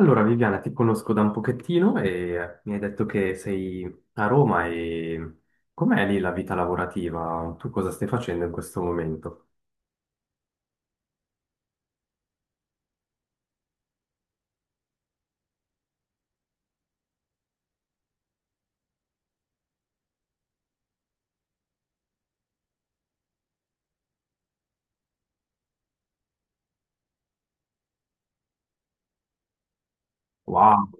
Allora, Viviana, ti conosco da un pochettino e mi hai detto che sei a Roma e com'è lì la vita lavorativa? Tu cosa stai facendo in questo momento? Wow.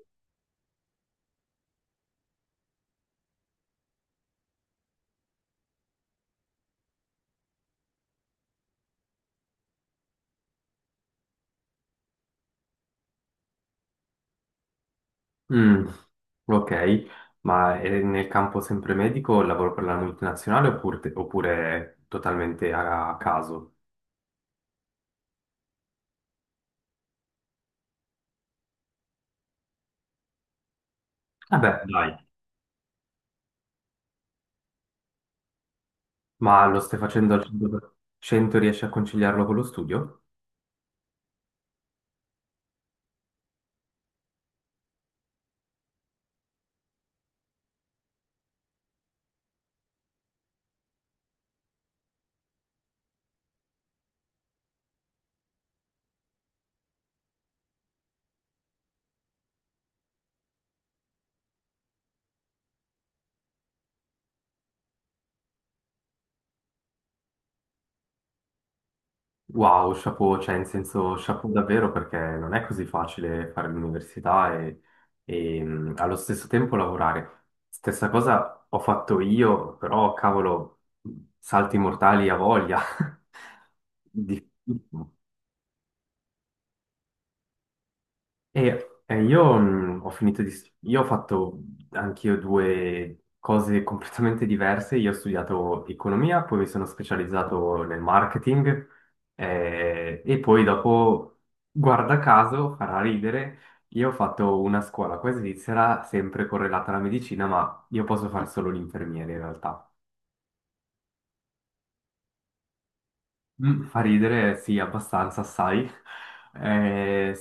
Mm, ok, ma è nel campo sempre medico, lavoro per la multinazionale oppure, oppure totalmente a caso? Vabbè, dai, ma lo stai facendo al 100%? 100 riesci a conciliarlo con lo studio? Wow, chapeau, cioè in senso chapeau davvero perché non è così facile fare l'università e, e allo stesso tempo lavorare. Stessa cosa ho fatto io, però cavolo, salti mortali a voglia. Difficile. E io ho finito di... Io ho fatto anch'io due cose completamente diverse. Io ho studiato economia, poi mi sono specializzato nel marketing e poi dopo, guarda caso, farà ridere, io ho fatto una scuola qua in Svizzera, sempre correlata alla medicina, ma io posso fare solo l'infermiere in realtà. Mm, fa ridere, sì, abbastanza, sai. Eh,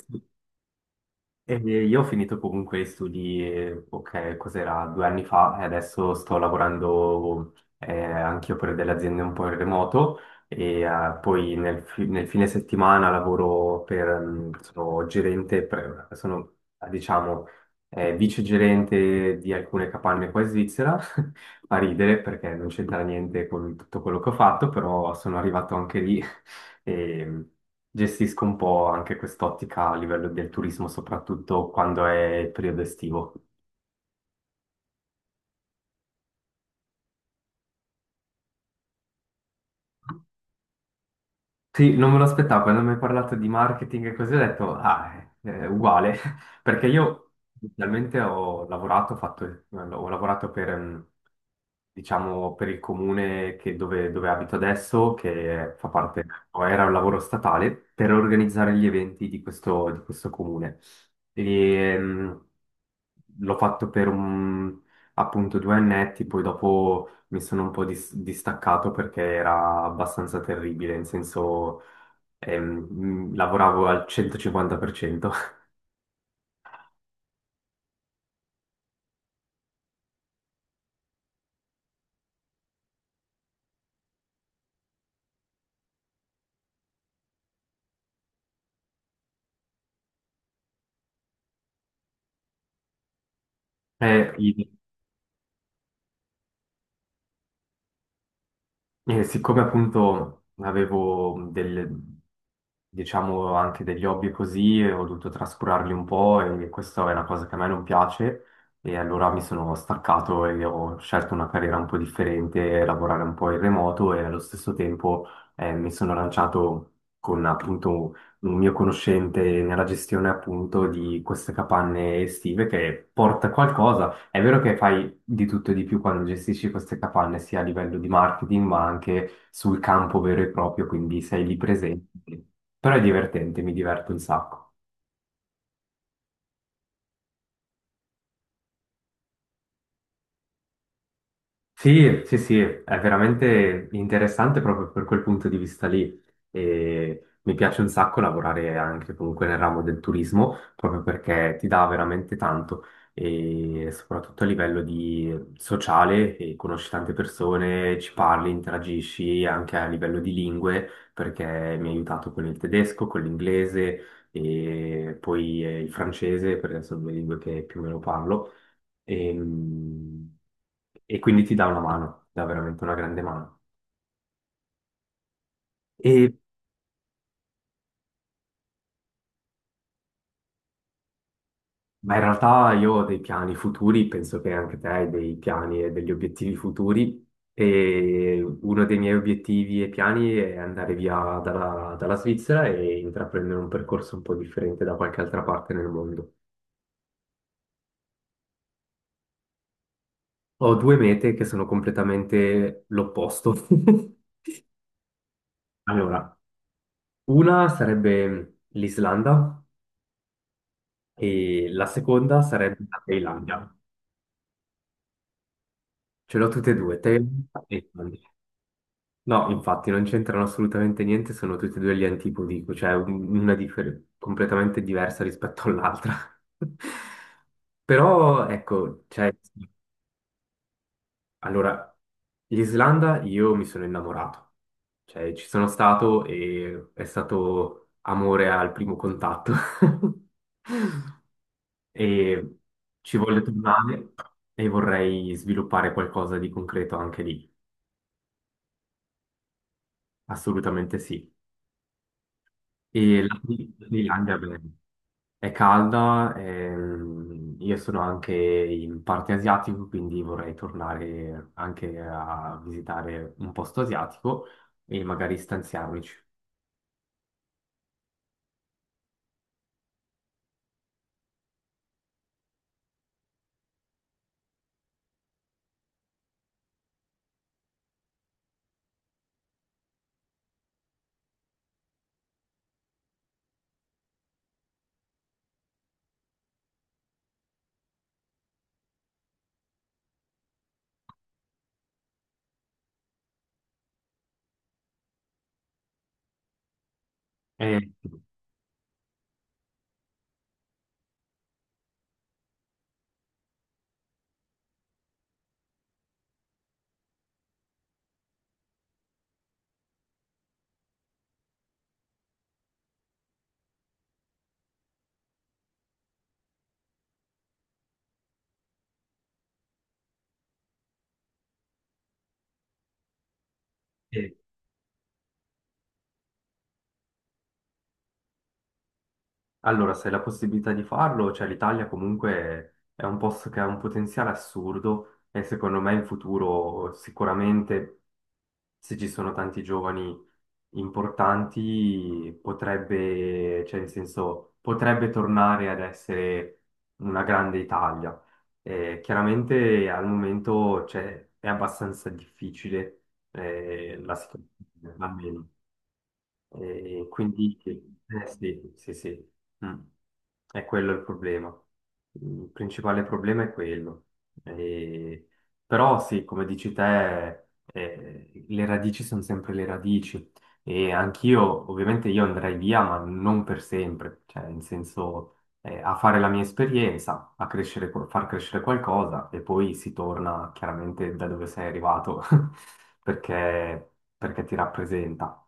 E io ho finito comunque gli studi, ok, cos'era, due anni fa e adesso sto lavorando anch'io per delle aziende un po' in remoto e poi nel fine settimana lavoro per, mm, sono gerente, sono diciamo vice gerente di alcune capanne qua in Svizzera, fa ridere perché non c'entra niente con tutto quello che ho fatto, però sono arrivato anche lì e gestisco un po' anche quest'ottica a livello del turismo, soprattutto quando è il periodo estivo. Sì, non me lo aspettavo, quando mi hai parlato di marketing e così ho detto, ah, è uguale, perché io inizialmente ho lavorato, ho lavorato per, mm, diciamo, per il comune dove, dove abito adesso, che fa parte, o era un lavoro statale, per organizzare gli eventi di questo comune. E, mm, l'ho fatto per un, appunto due annetti, poi dopo mi sono un po' distaccato perché era abbastanza terribile, in senso lavoravo al 150%. Eh, i- E siccome appunto avevo del, diciamo anche degli hobby e così, ho dovuto trascurarli un po' e questa è una cosa che a me non piace e allora mi sono staccato e ho scelto una carriera un po' differente, lavorare un po' in remoto e allo stesso tempo mi sono lanciato con appunto un mio conoscente nella gestione appunto di queste capanne estive che porta qualcosa. È vero che fai di tutto e di più quando gestisci queste capanne, sia a livello di marketing, ma anche sul campo vero e proprio, quindi sei lì presente. Però è divertente, mi diverto un sacco. Sì, sì, sì, è veramente interessante proprio per quel punto di vista lì. E mi piace un sacco lavorare anche comunque nel ramo del turismo, proprio perché ti dà veramente tanto, e soprattutto a livello di sociale, e conosci tante persone, ci parli, interagisci anche a livello di lingue, perché mi ha aiutato con il tedesco, con l'inglese e poi il francese, perché sono due lingue che più o meno parlo. E, mh, e quindi ti dà una mano, ti dà veramente una grande mano. E, ma in realtà io ho dei piani futuri, penso che anche te hai dei piani e degli obiettivi futuri. E uno dei miei obiettivi e piani è andare via dalla Svizzera e intraprendere un percorso un po' differente da qualche altra parte nel mondo. Ho due mete che sono completamente l'opposto. Allora, una sarebbe l'Islanda e la seconda sarebbe la Thailandia. Ce l'ho tutte e due, Teotihuacan e Tandi. No, infatti non c'entrano assolutamente niente, sono tutte e due gli antipodi, cioè una completamente diversa rispetto all'altra. Però ecco, cioè, allora, l'Islanda io mi sono innamorato, cioè ci sono stato e è stato amore al primo contatto. E ci voglio tornare e vorrei sviluppare qualcosa di concreto anche lì, assolutamente sì. E la Sri Lanka, beh, è calda, io sono anche in parte asiatico, quindi vorrei tornare anche a visitare un posto asiatico e magari stanziarmici. Eh, eh, Allora, se hai la possibilità di farlo, cioè l'Italia comunque è un posto che ha un potenziale assurdo e secondo me in futuro sicuramente, se ci sono tanti giovani importanti, potrebbe, cioè in senso, potrebbe tornare ad essere una grande Italia. Chiaramente al momento cioè, è abbastanza difficile la situazione, almeno. E quindi, sì, sì, sì. Mm. È quello il problema. Il principale problema è quello. E- Però sì, come dici te, le radici sono sempre le radici. E anch'io, ovviamente, io andrei via, ma non per sempre. Cioè, in senso, a fare la mia esperienza, a crescere, far crescere qualcosa, e poi si torna chiaramente da dove sei arrivato, perché perché ti rappresenta.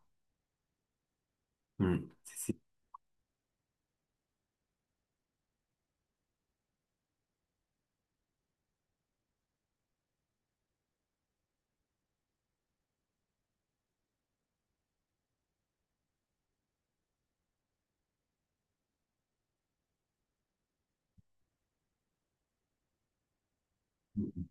Mm, sì, sì,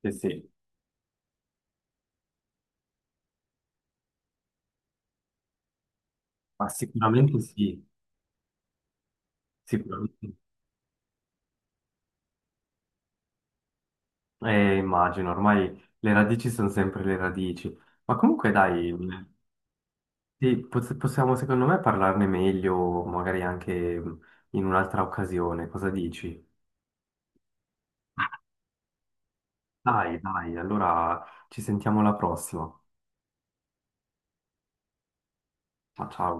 sì, sì. Ma sicuramente sì, sicuramente. Immagino, ormai le radici sono sempre le radici. Ma comunque dai, sì, possiamo secondo me parlarne meglio, magari anche mm, in un'altra occasione, cosa dici? Dai, dai, allora ci sentiamo alla prossima. Ciao, ciao.